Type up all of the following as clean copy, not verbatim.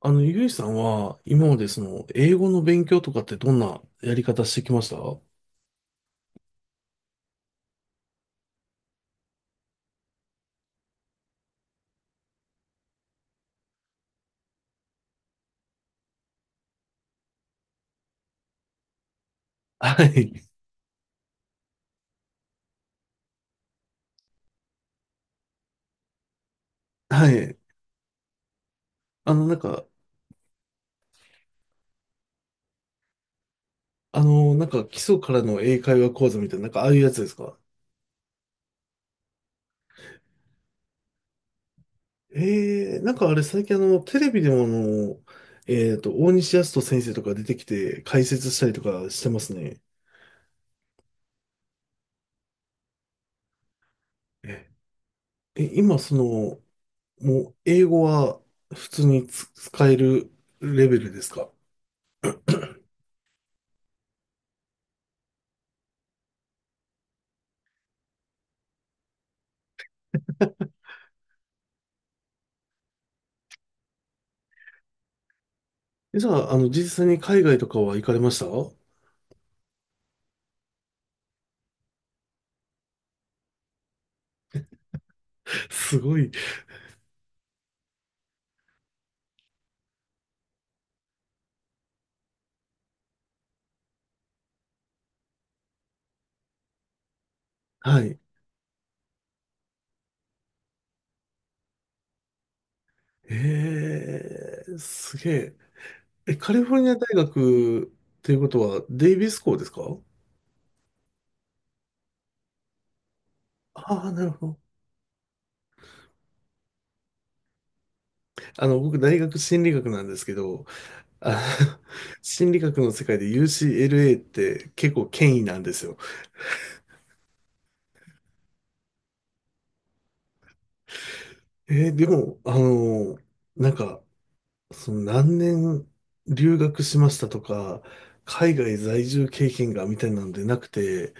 ゆいさんは、今まで英語の勉強とかってどんなやり方してきました？はい。はい。あの、なんか、なんか、基礎からの英会話講座みたいな、なんか、ああいうやつですか？ええー、なんかあれ、最近テレビでも大西康人先生とか出てきて、解説したりとかしてますね。え、今、もう、英語は、普通に使えるレベルですか？じゃあ、実際に海外とかは行かれました？ すごい。はい。すげえ。カリフォルニア大学ということは、デイビス校ですか？ああなるほど。僕、大学心理学なんですけど、あ、心理学の世界で UCLA って結構権威なんですよ。でも、なんか、何年留学しましたとか、海外在住経験がみたいなのでなくて、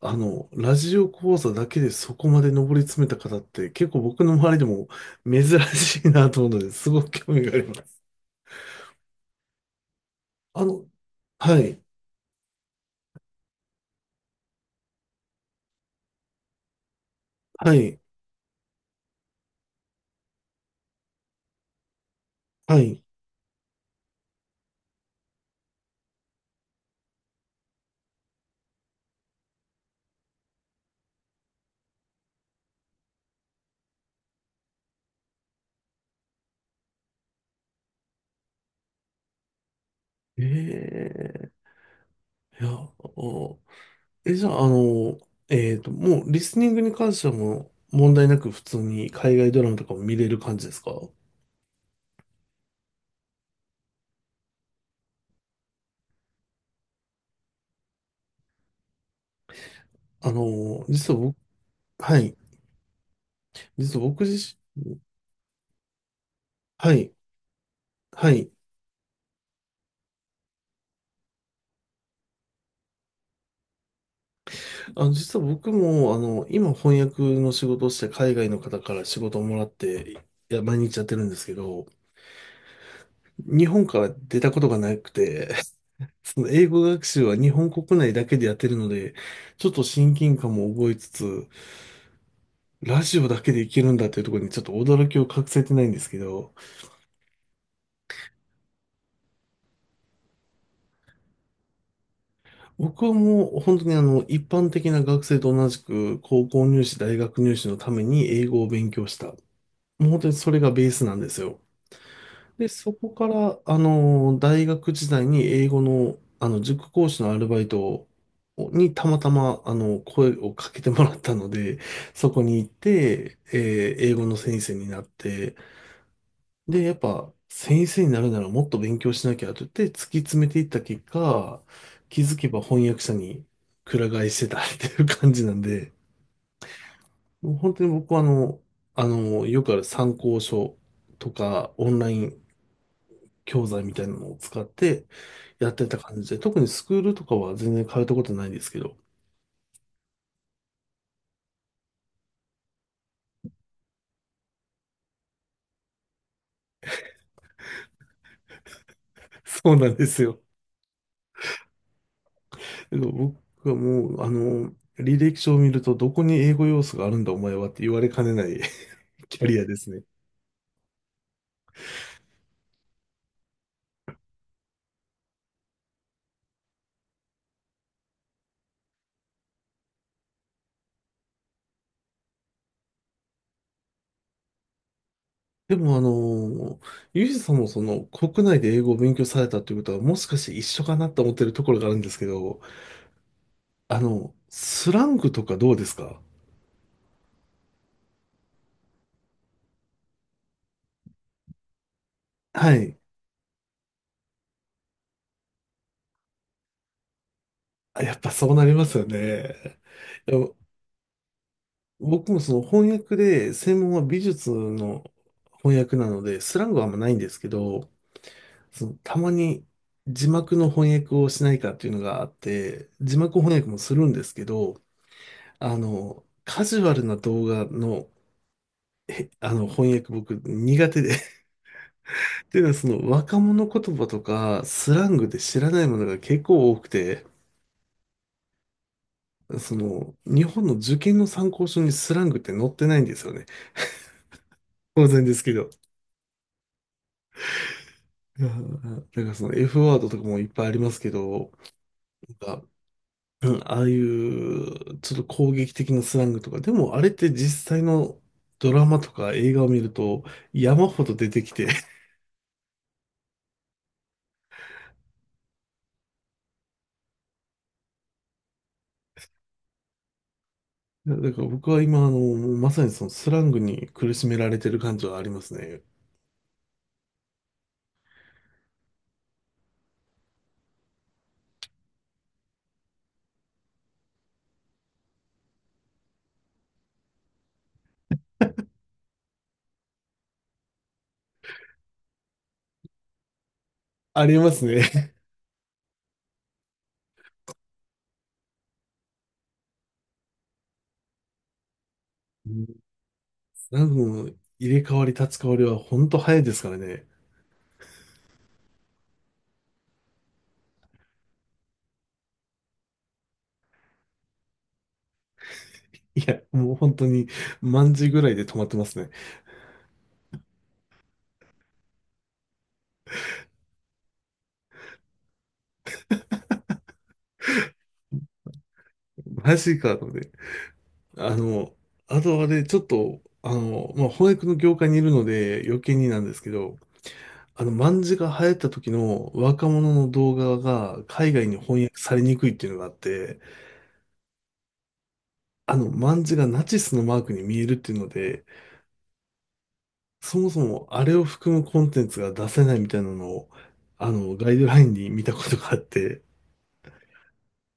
ラジオ講座だけでそこまで上り詰めた方って結構僕の周りでも珍しいなと思うので、すごく興味があります。あの、はい、はい、はい。ええいや、おじゃあ、もうリスニングに関してはもう問題なく普通に海外ドラマとかも見れる感じですか？あの、実は僕、はい、実は僕自身、はい、はい。実は僕も、今翻訳の仕事をして海外の方から仕事をもらって、いや、毎日やってるんですけど、日本から出たことがなくて、その英語学習は日本国内だけでやってるので、ちょっと親近感も覚えつつ、ラジオだけでいけるんだっていうところにちょっと驚きを隠せてないんですけど、僕はもう本当に一般的な学生と同じく高校入試、大学入試のために英語を勉強した。もう本当にそれがベースなんですよ。で、そこから、大学時代に英語の、塾講師のアルバイトにたまたま、声をかけてもらったので、そこに行って、英語の先生になって、で、やっぱ、先生になるならもっと勉強しなきゃと言って突き詰めていった結果、気づけば翻訳者にくら替えしてたっていう感じなんで、もう本当に僕はよくある参考書とか、オンライン教材みたいなのを使って、やってた感じで、特にスクールとかは全然通ったことないんですけど、そうなんですよ。けど僕はもう、履歴書を見ると、どこに英語要素があるんだお前はって言われかねない キャリアですね。でも、ユージさんもその国内で英語を勉強されたということは、もしかして一緒かなと思ってるところがあるんですけど、スラングとかどうですか？はい。やっぱそうなりますよね。いや僕もその翻訳で、専門は美術の翻訳なので、スラングはあんまないんですけど、そのたまに字幕の翻訳をしないかっていうのがあって、字幕翻訳もするんですけど、カジュアルな動画の、翻訳僕苦手で っていうのは その若者言葉とかスラングで知らないものが結構多くて、その日本の受験の参考書にスラングって載ってないんですよね。当然ですけど。いやなんかその F ワードとかもいっぱいありますけど、なんか、うん、ああいうちょっと攻撃的なスラングとか、でもあれって実際のドラマとか映画を見ると山ほど出てきて、だから僕は今、もうまさにそのスラングに苦しめられてる感じはありますね。ありますね。うん。スラングの入れ替わり立ち替わりは本当早いですからね。いや、もう本当に、万字ぐらいで止まってますね。マジかと思って。あの、あとあれ、ちょっと、まあ、翻訳の業界にいるので余計になんですけど、卍が流行った時の若者の動画が海外に翻訳されにくいっていうのがあって、卍がナチスのマークに見えるっていうので、そもそもあれを含むコンテンツが出せないみたいなのを、ガイドラインに見たことがあって、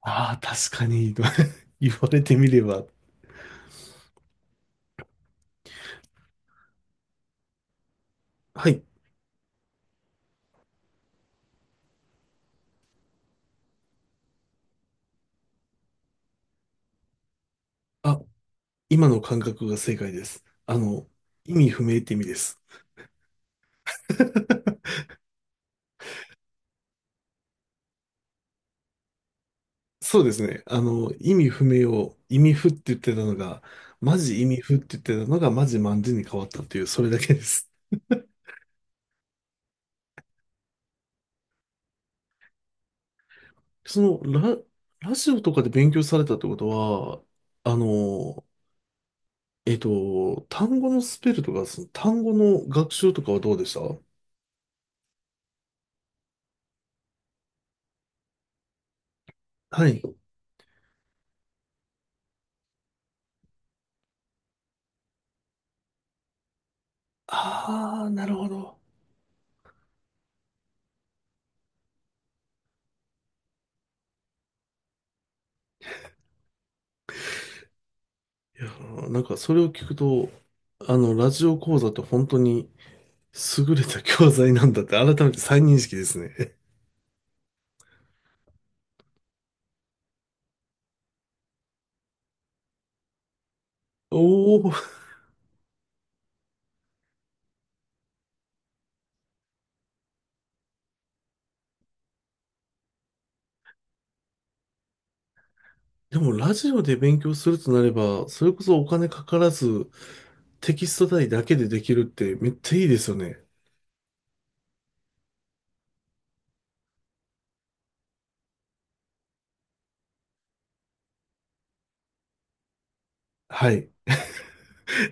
ああ、確かに、と 言われてみれば、はい。あ、今の感覚が正解です。意味不明って意味です。そうですね。意味不明を意味不って言ってたのが、マジ意味不って言ってたのが、マジマンジに変わったっていう、それだけです。その、ラ、ラジオとかで勉強されたってことは、あの、単語のスペルとか、その単語の学習とかはどうでした？はい。ああ、なるほど。いやー、なんかそれを聞くと、ラジオ講座って本当に優れた教材なんだって改めて再認識ですね。おお。でもラジオで勉強するとなれば、それこそお金かからず、テキスト代だけでできるってめっちゃいいですよね。はい。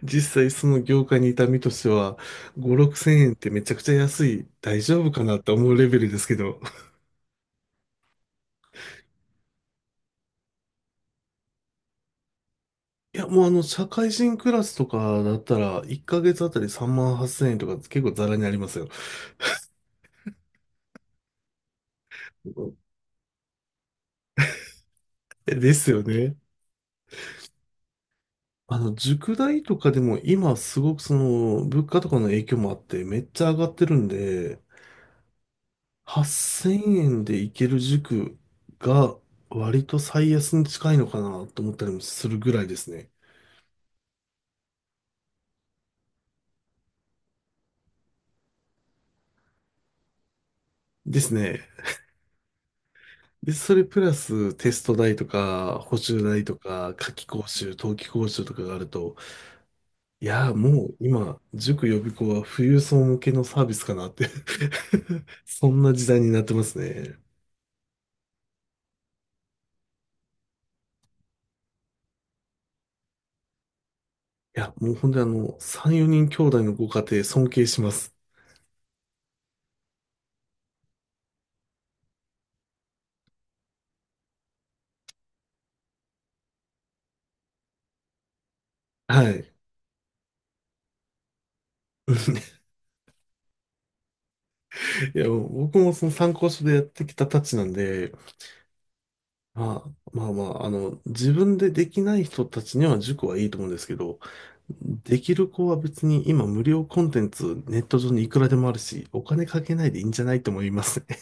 実際その業界にいた身としては、5、6千円ってめちゃくちゃ安い、大丈夫かなって思うレベルですけど。いや、もう社会人クラスとかだったら、1ヶ月あたり3万8 0円とか結構ザラにありますよ。ですよね。塾代とかでも今すごく物価とかの影響もあってめっちゃ上がってるんで、8000円で行ける塾が割と最安に近いのかなと思ったりもするぐらいですね。ですね。で、それプラステスト代とか補習代とか夏季講習、冬季講習とかがあると、いやーもう今、塾予備校は富裕層向けのサービスかなって そんな時代になってますね。いや、もう本当に3、4人兄弟のご家庭尊敬します。はい。いや、もう僕もその参考書でやってきたたちなんで、まあ、まあまあ、自分でできない人たちには塾はいいと思うんですけど、できる子は別に今無料コンテンツネット上にいくらでもあるし、お金かけないでいいんじゃないと思いますね。